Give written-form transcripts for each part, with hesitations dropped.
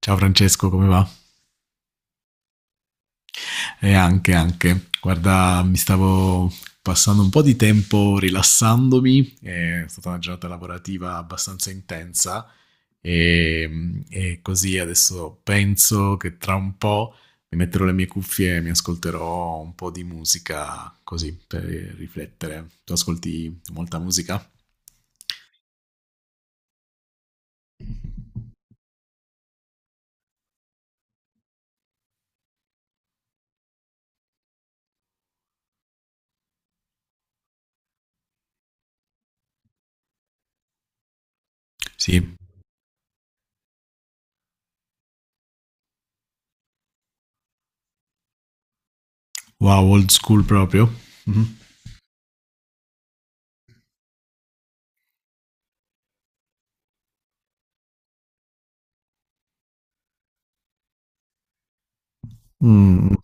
Ciao Francesco, come va? E anche, anche. Guarda, mi stavo passando un po' di tempo rilassandomi, è stata una giornata lavorativa abbastanza intensa e così adesso penso che tra un po' mi metterò le mie cuffie e mi ascolterò un po' di musica così per riflettere. Tu ascolti molta musica? Sì. Wow, old school proprio. Mhm. Mm.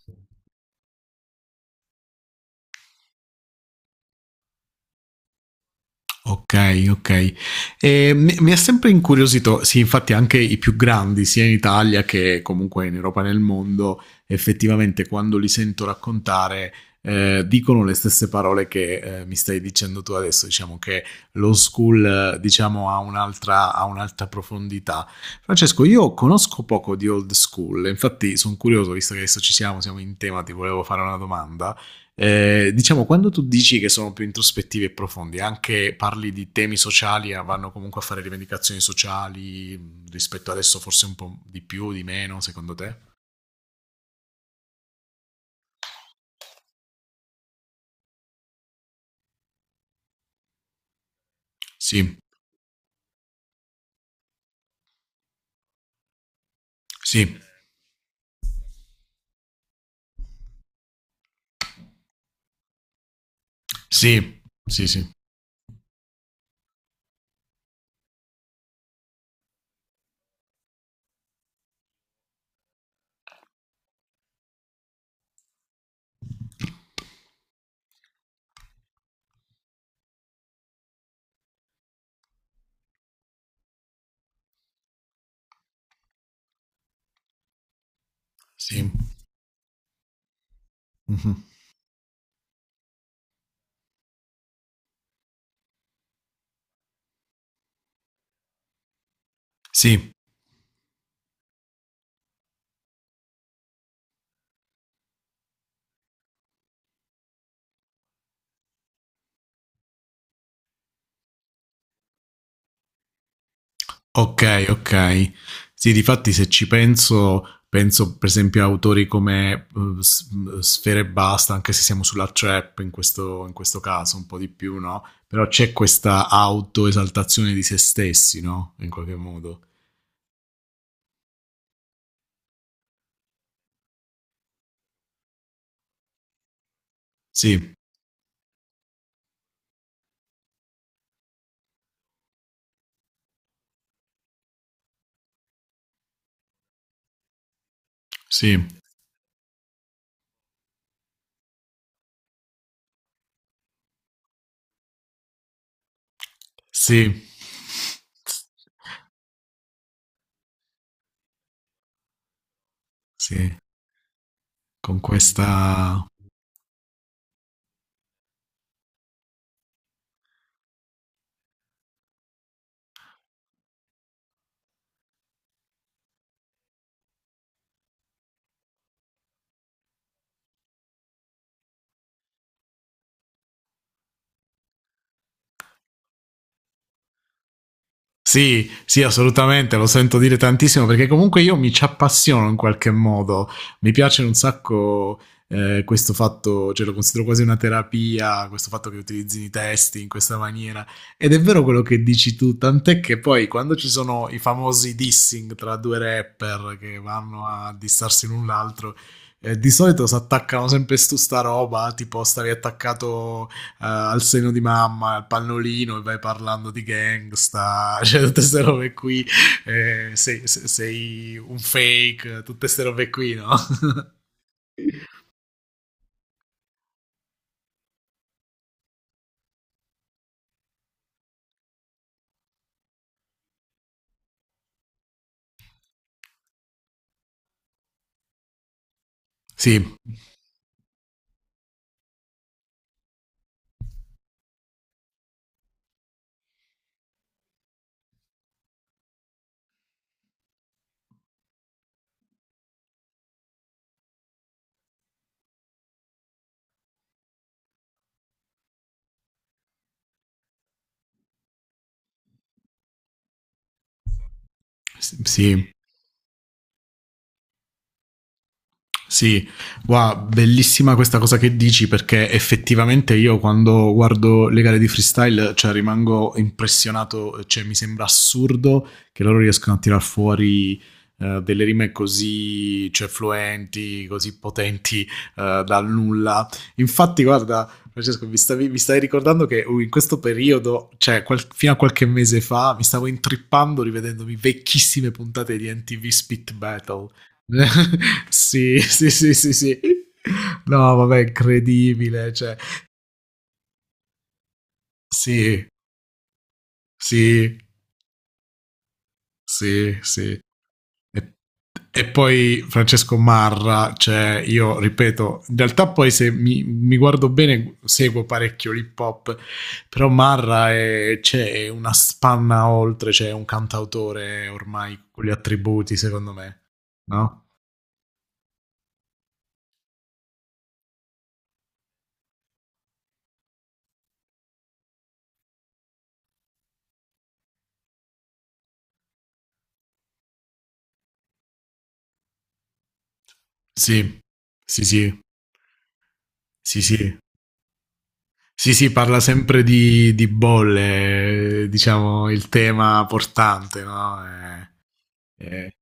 Ok, ok. E mi ha sempre incuriosito, sì, infatti anche i più grandi, sia in Italia che comunque in Europa e nel mondo, effettivamente quando li sento raccontare, dicono le stesse parole che mi stai dicendo tu adesso, diciamo che lo school, diciamo, ha ha un'altra profondità. Francesco, io conosco poco di old school, infatti sono curioso, visto che adesso ci siamo, siamo in tema, ti volevo fare una domanda. Diciamo, quando tu dici che sono più introspettivi e profondi, anche parli di temi sociali, vanno comunque a fare rivendicazioni sociali mm, rispetto adesso forse un po' di più, di meno, secondo te? Sì, sì, sì, sì, sì, sì. Mhm. Sì. Okay, okay. Sì, difatti se ci penso, penso per esempio a autori come, Sfera Ebbasta, anche se siamo sulla trap in questo caso un po' di più, no, però c'è questa autoesaltazione di se stessi, no, in qualche modo. Sì, sì, sì. Sì, con questa. Sì, sì, assolutamente, lo sento dire tantissimo perché comunque io mi ci appassiono in qualche modo, mi piace un sacco questo fatto, cioè lo considero quasi una terapia, questo fatto che utilizzi i testi in questa maniera ed è vero quello che dici tu, tant'è che poi quando ci sono i famosi dissing tra due rapper che vanno a dissarsi l'un l'altro, di solito si attaccano sempre su sta roba, tipo stavi attaccato al seno di mamma, al pannolino e vai parlando di gangsta, cioè tutte queste robe qui, sei un fake, tutte queste robe qui, no? Sì, sì. Sì, wow, bellissima questa cosa che dici perché effettivamente io quando guardo le gare di freestyle cioè, rimango impressionato, cioè, mi sembra assurdo che loro riescano a tirar fuori delle rime così cioè, fluenti, così potenti da nulla. Infatti, guarda, Francesco, mi stavi ricordando che in questo periodo, fino a qualche mese fa, mi stavo intrippando rivedendomi vecchissime puntate di NTV Spit Battle. Sì, sì, sì, sì, sì. No, vabbè, incredibile, cioè, sì, sì, sì, sì. E, e poi Francesco Marra, cioè, io ripeto, in realtà poi se mi guardo bene seguo parecchio l'hip hop, però Marra è, cioè, è una spanna oltre, cioè, è un cantautore ormai con gli attributi, secondo me, no? Sì, sì, sì, sì, sì. Sì, sì, parla sempre di bolle, diciamo, il tema portante, no? Eh,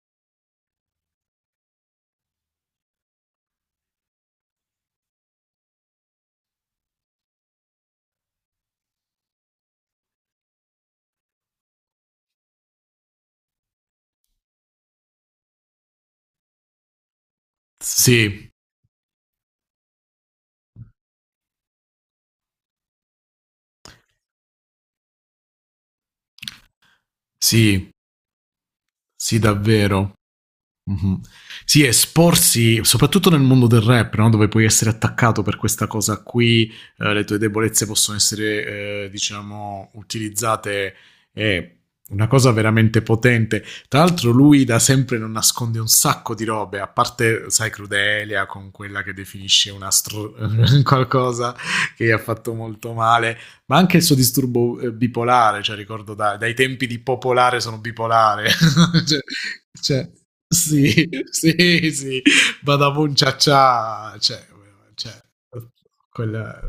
sì, sì, sì, davvero. Mhm. Sì, esporsi, soprattutto nel mondo del rap, no? Dove puoi essere attaccato per questa cosa qui, le tue debolezze possono essere, diciamo, utilizzate, è una cosa veramente potente. Tra l'altro lui da sempre non nasconde un sacco di robe, a parte, sai, Crudelia con quella che definisce una stro- qualcosa che gli ha fatto molto male, ma anche il suo disturbo bipolare, cioè ricordo dai tempi di popolare sono bipolare. cioè, cioè- sì, sì, sì. Badaboom Cia Cia, cioè, cioè, quella...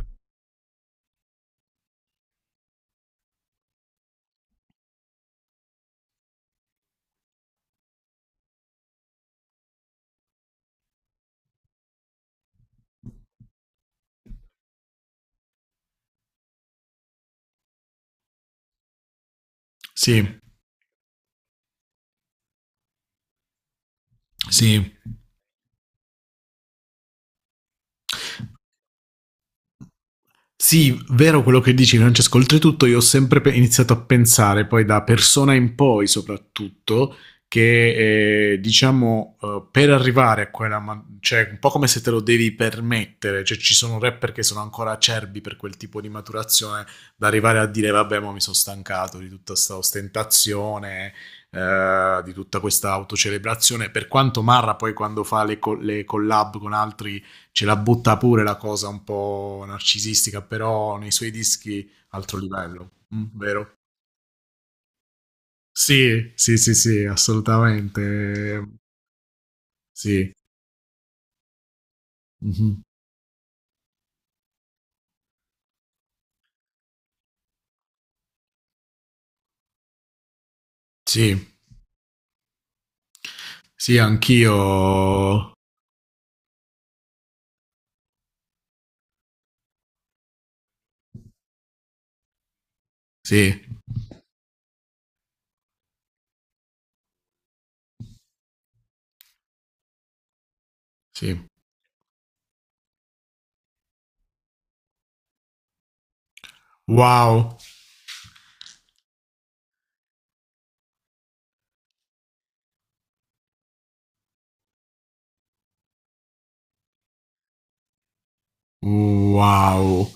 Sì, sì. Sì, vero quello che dici Francesco, oltretutto io ho sempre iniziato a pensare, poi da persona in poi soprattutto, che diciamo per arrivare a quella, cioè un po' come se te lo devi permettere, cioè ci sono rapper che sono ancora acerbi per quel tipo di maturazione, da arrivare a dire vabbè ma mi sono stancato di tutta questa ostentazione, di tutta questa autocelebrazione, per quanto Marra poi quando fa le collab con altri ce la butta pure la cosa un po' narcisistica, però nei suoi dischi altro livello, mm, vero? Sì, sì, sì, sì, assolutamente. Sì. Mhm. Sì, sì, anch'io. Sì, sì. Wow, wow.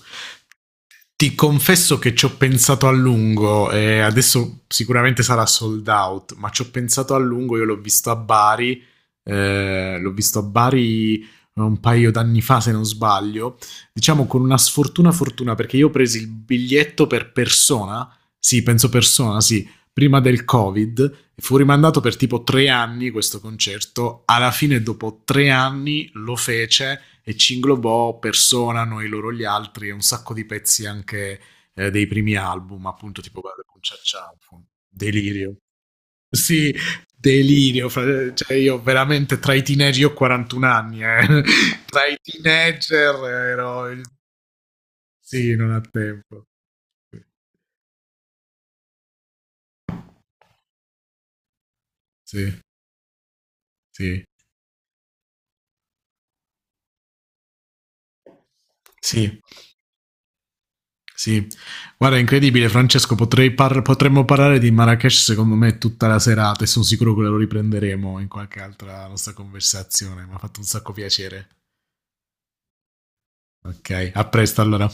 Ti confesso che ci ho pensato a lungo, e adesso sicuramente sarà sold out, ma ci ho pensato a lungo, io l'ho visto a Bari, l'ho visto a Bari un paio d'anni fa se non sbaglio, diciamo con una sfortuna fortuna perché io ho preso il biglietto per persona, sì penso persona, sì, prima del Covid e fu rimandato per tipo tre anni questo concerto. Alla fine, dopo tre anni, lo fece e ci inglobò Persona, Noi loro gli altri e un sacco di pezzi anche dei primi album, appunto tipo guarda, con Ciao Ciao, con Delirio. Sì, delirio, cioè io veramente tra i teenager, io ho 41 anni, eh. Tra i teenager ero il... Sì, non ha tempo. Sì, sì, sì. Sì, guarda, è incredibile, Francesco. Potremmo parlare di Marrakesh, secondo me, tutta la serata e sono sicuro che lo riprenderemo in qualche altra nostra conversazione. Mi ha fatto un sacco piacere. Ok, a presto allora.